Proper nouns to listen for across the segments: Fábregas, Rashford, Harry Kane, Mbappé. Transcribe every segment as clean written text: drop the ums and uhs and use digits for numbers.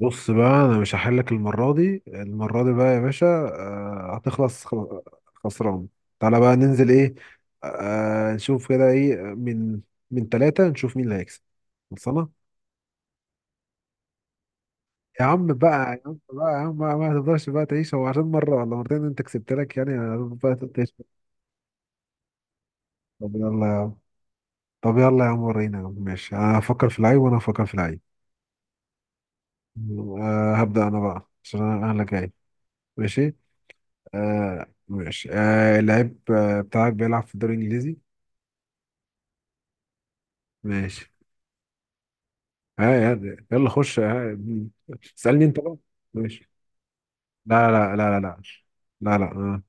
بص بقى انا مش هحلك المره دي المره دي بقى يا باشا، آه، هتخلص خسران. تعالى بقى ننزل ايه؟ نشوف كده ايه من ثلاثة، نشوف مين اللي هيكسب. خلصانه. يا عم بقى يا عم بقى يا عم بقى، ما تفضلش بقى تعيش. هو عشان مره ولا مرتين انت كسبت لك يعني هتفضل بقى تعيش؟ طب يلا يا عم طب يلا يا عم، ورينا يا عم. ماشي، انا هفكر في العيب وانا هفكر في العيب. هبدأ انا بقى عشان أنا اللي جاي. ماشي. آه ماشي. اللعيب بتاعك بيلعب في الدوري الانجليزي؟ ماشي. ها يعني يلا خش. اسألني انت بقى. ماشي. لا لا لا لا لا. لا لا آه.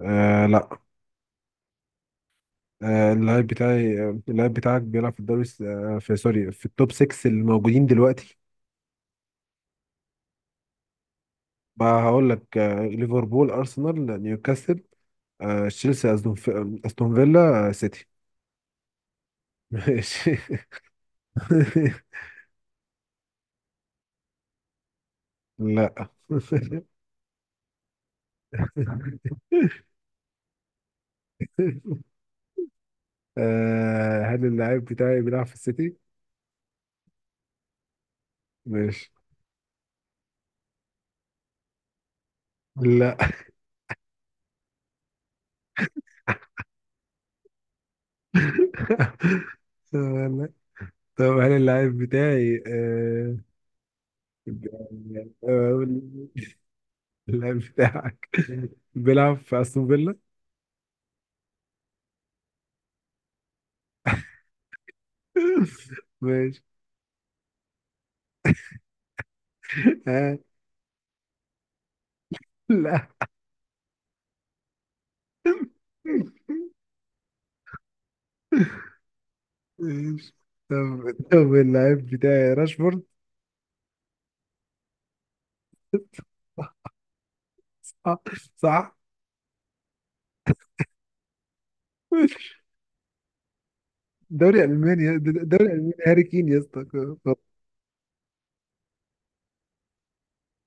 آه لا. آه اللعيب بتاعي آه، اللعيب بتاعك بيلعب في الدوري الس- آه في سوري في التوب 6 الموجودين دلوقتي. بقى هقول لك: آه ليفربول، ارسنال، نيوكاسل، آه تشيلسي، أستون فيلا، آه سيتي. ماشي. لا. آه، هل اللاعب بتاعي بيلعب في السيتي؟ ماشي. لا. لا. طب هل اللاعب بتاعي ب- آه، اللاعب بتاعك بيلعب في استون فيلا؟ ماشي. آه لا. ماشي. طب اللاعب بتاعي راشفورد؟ صح صح. دوري المانيا. دوري المانيا هاري كين يا اسطى.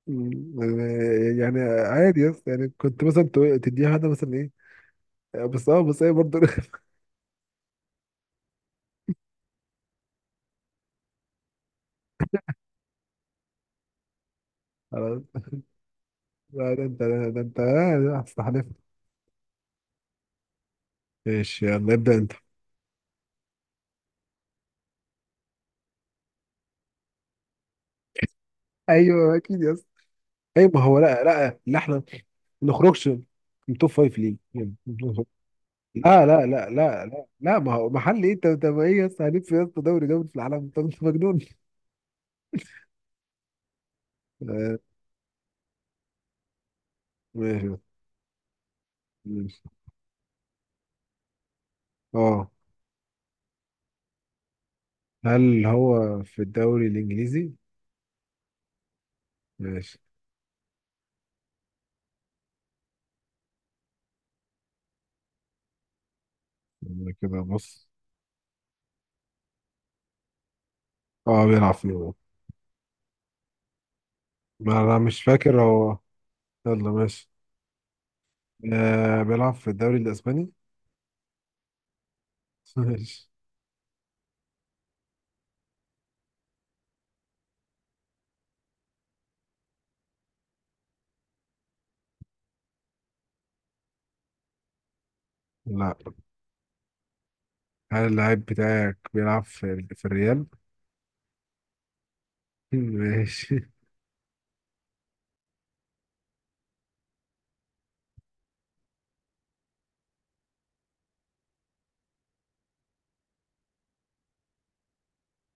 مم. يعني عادي يس، يعني كنت مثلا تديها واحدة مثلا ايه. بس ايه برضه. خلاص. لا ده انت، ده انت هتستحلف. ماشي، يلا ابدأ انت. ايوه اكيد يس. ايوه، ما هو لا لا لا، احنا ما نخرجش من توب فايف ليه يعني؟ لا لا لا لا لا لا، ما هو محل ايه؟ انت انت ما ايه يا اسطى، هنلف في يا اسطى دوري دوري في العالم؟ انت مجنون. آه، ماشي. ماشي. اه، هل هو في الدوري الانجليزي؟ ماشي. أنا كده بص. اه بيلعب فيه. ما انا مش فاكر هو. يلا ماشي. آه بيلعب في الدوري الاسباني. ماشي. لا. هل اللاعب بتاعك بيلعب في الريال؟ ماشي.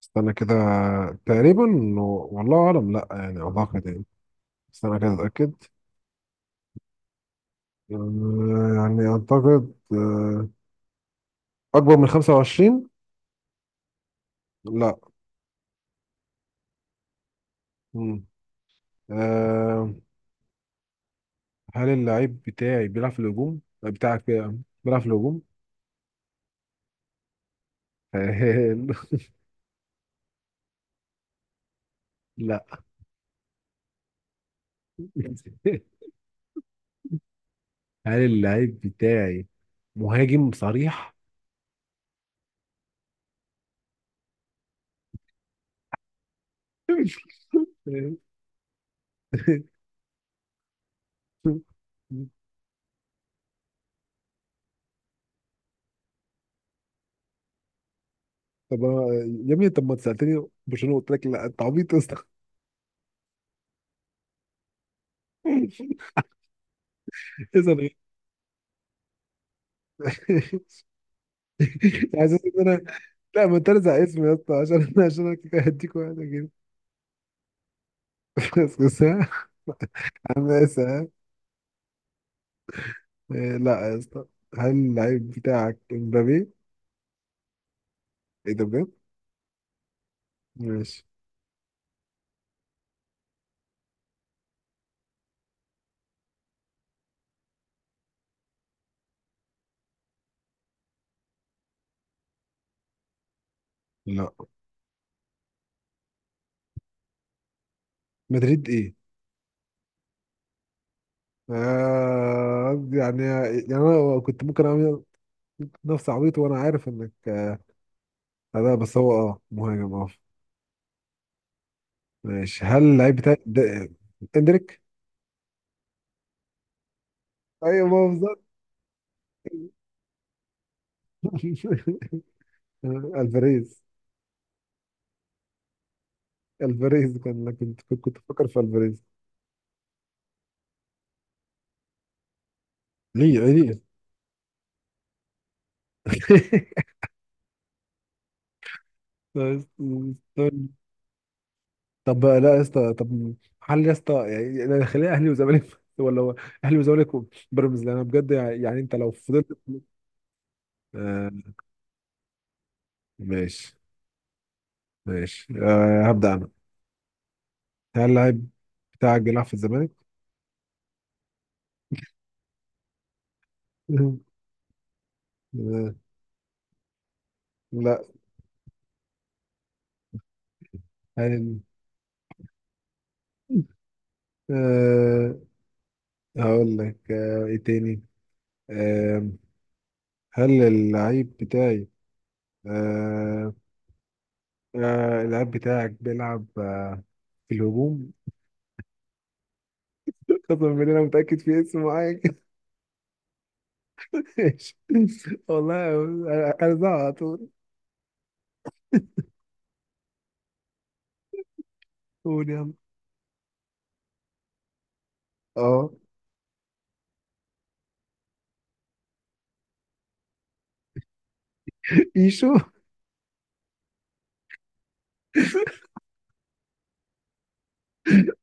استنى كده، تقريبا. والله اعلم، لا يعني اعتقد يعني. استنى كده اتاكد. يعني اعتقد، اكبر من 25. لا. مم. آه، هل اللاعب بتاعي بيلعب في الهجوم بتاعك بيلعب في الهجوم. لا. هل اللعيب بتاعي مهاجم صريح؟ طب أنا- يا ابني، طب ما أنت سالتني برشلونه قلت لك لا، انت عبيط يا اسطى. اسال غير. عايز أقول ان انا، لا، ما انت ارزع اسمي يا اسطى عشان انا كده هديك واحده كده. بس بس ها. عامل ايه ساعة؟ إيه، لا يا اسطى، هل اللعيب بتاعك امبابي؟ ايه ده بجد؟ ماشي. لا. مدريد ايه؟ آه يعني، انا كنت ممكن اعمل نفس عبيط وانا عارف انك لا بس هو اه مهاجم اه. ماشي، هل اللعيب بتاعي ده- اندريك. ايوه، ما هو بالظبط. الفاريز. الفاريز كان كنت كنت بفكر في الفاريز. ليه ليه. استنى. طب لا يا اسطى طب هل يا اسطى يعني، أنا خليها اهلي وزمالك ولا هو اهلي وزمالك وبيراميدز؟ لان انا بجد يعني انت لو فضلت آه. ماشي ماشي. آه، هبدأ انا. هل اللعيب بتاعك بيلعب في الزمالك؟ آه، لا. هل أه هقول لك أه ايه تاني. أه هل اللعيب بتاعي أه. اللعيب بتاعك بيلعب في الهجوم. قسما بالله انا متأكد في اسم معين كده. ماشي. والله انا زعل على طول. قول يلا. اه ايشو.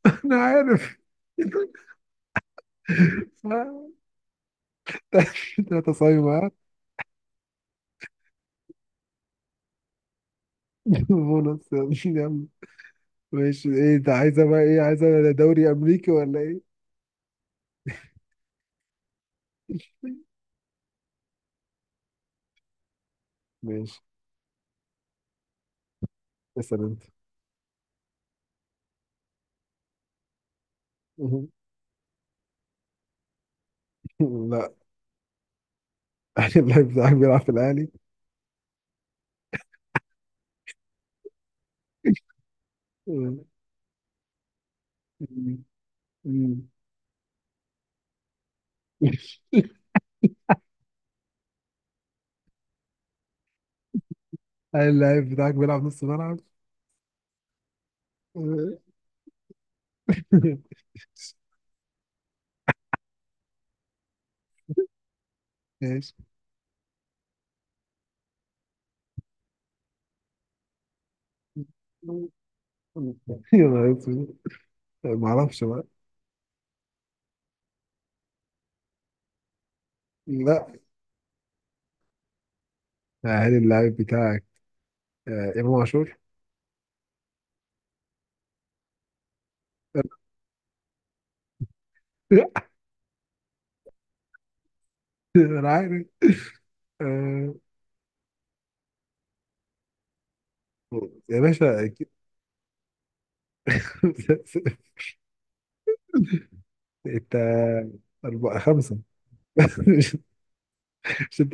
انا عارف. 3 صايمة ها؟ بونص. يلا ماشي، ايه انت عايزة بقى، ايه عايزة؟ دوري امريكي ولا ايه؟ ماشي، اسأل انت. مهم. لا. اللعيب بتاعك بيلعب في الأهلي. مم. مم. مم. هل اللعيب بتاعك بيلعب نص ملعب؟ مم. ماشي. يلا اسود، ما اعرفش بقى. لا. هل اللعيب بتاعك آه، امام عاشور؟ لا، انا عارف. آه، يا باشا أكيد. انت أربعة خمسة. مش مش انت.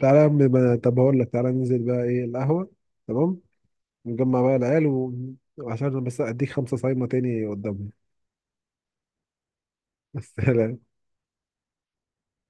تعالى يا عم بقى- طب هقول لك تعالى ننزل بقى ايه، القهوة؟ تمام. نجمع بقى العيال و... وعشان بس اديك 5 صايمة تاني قدامنا. بس لا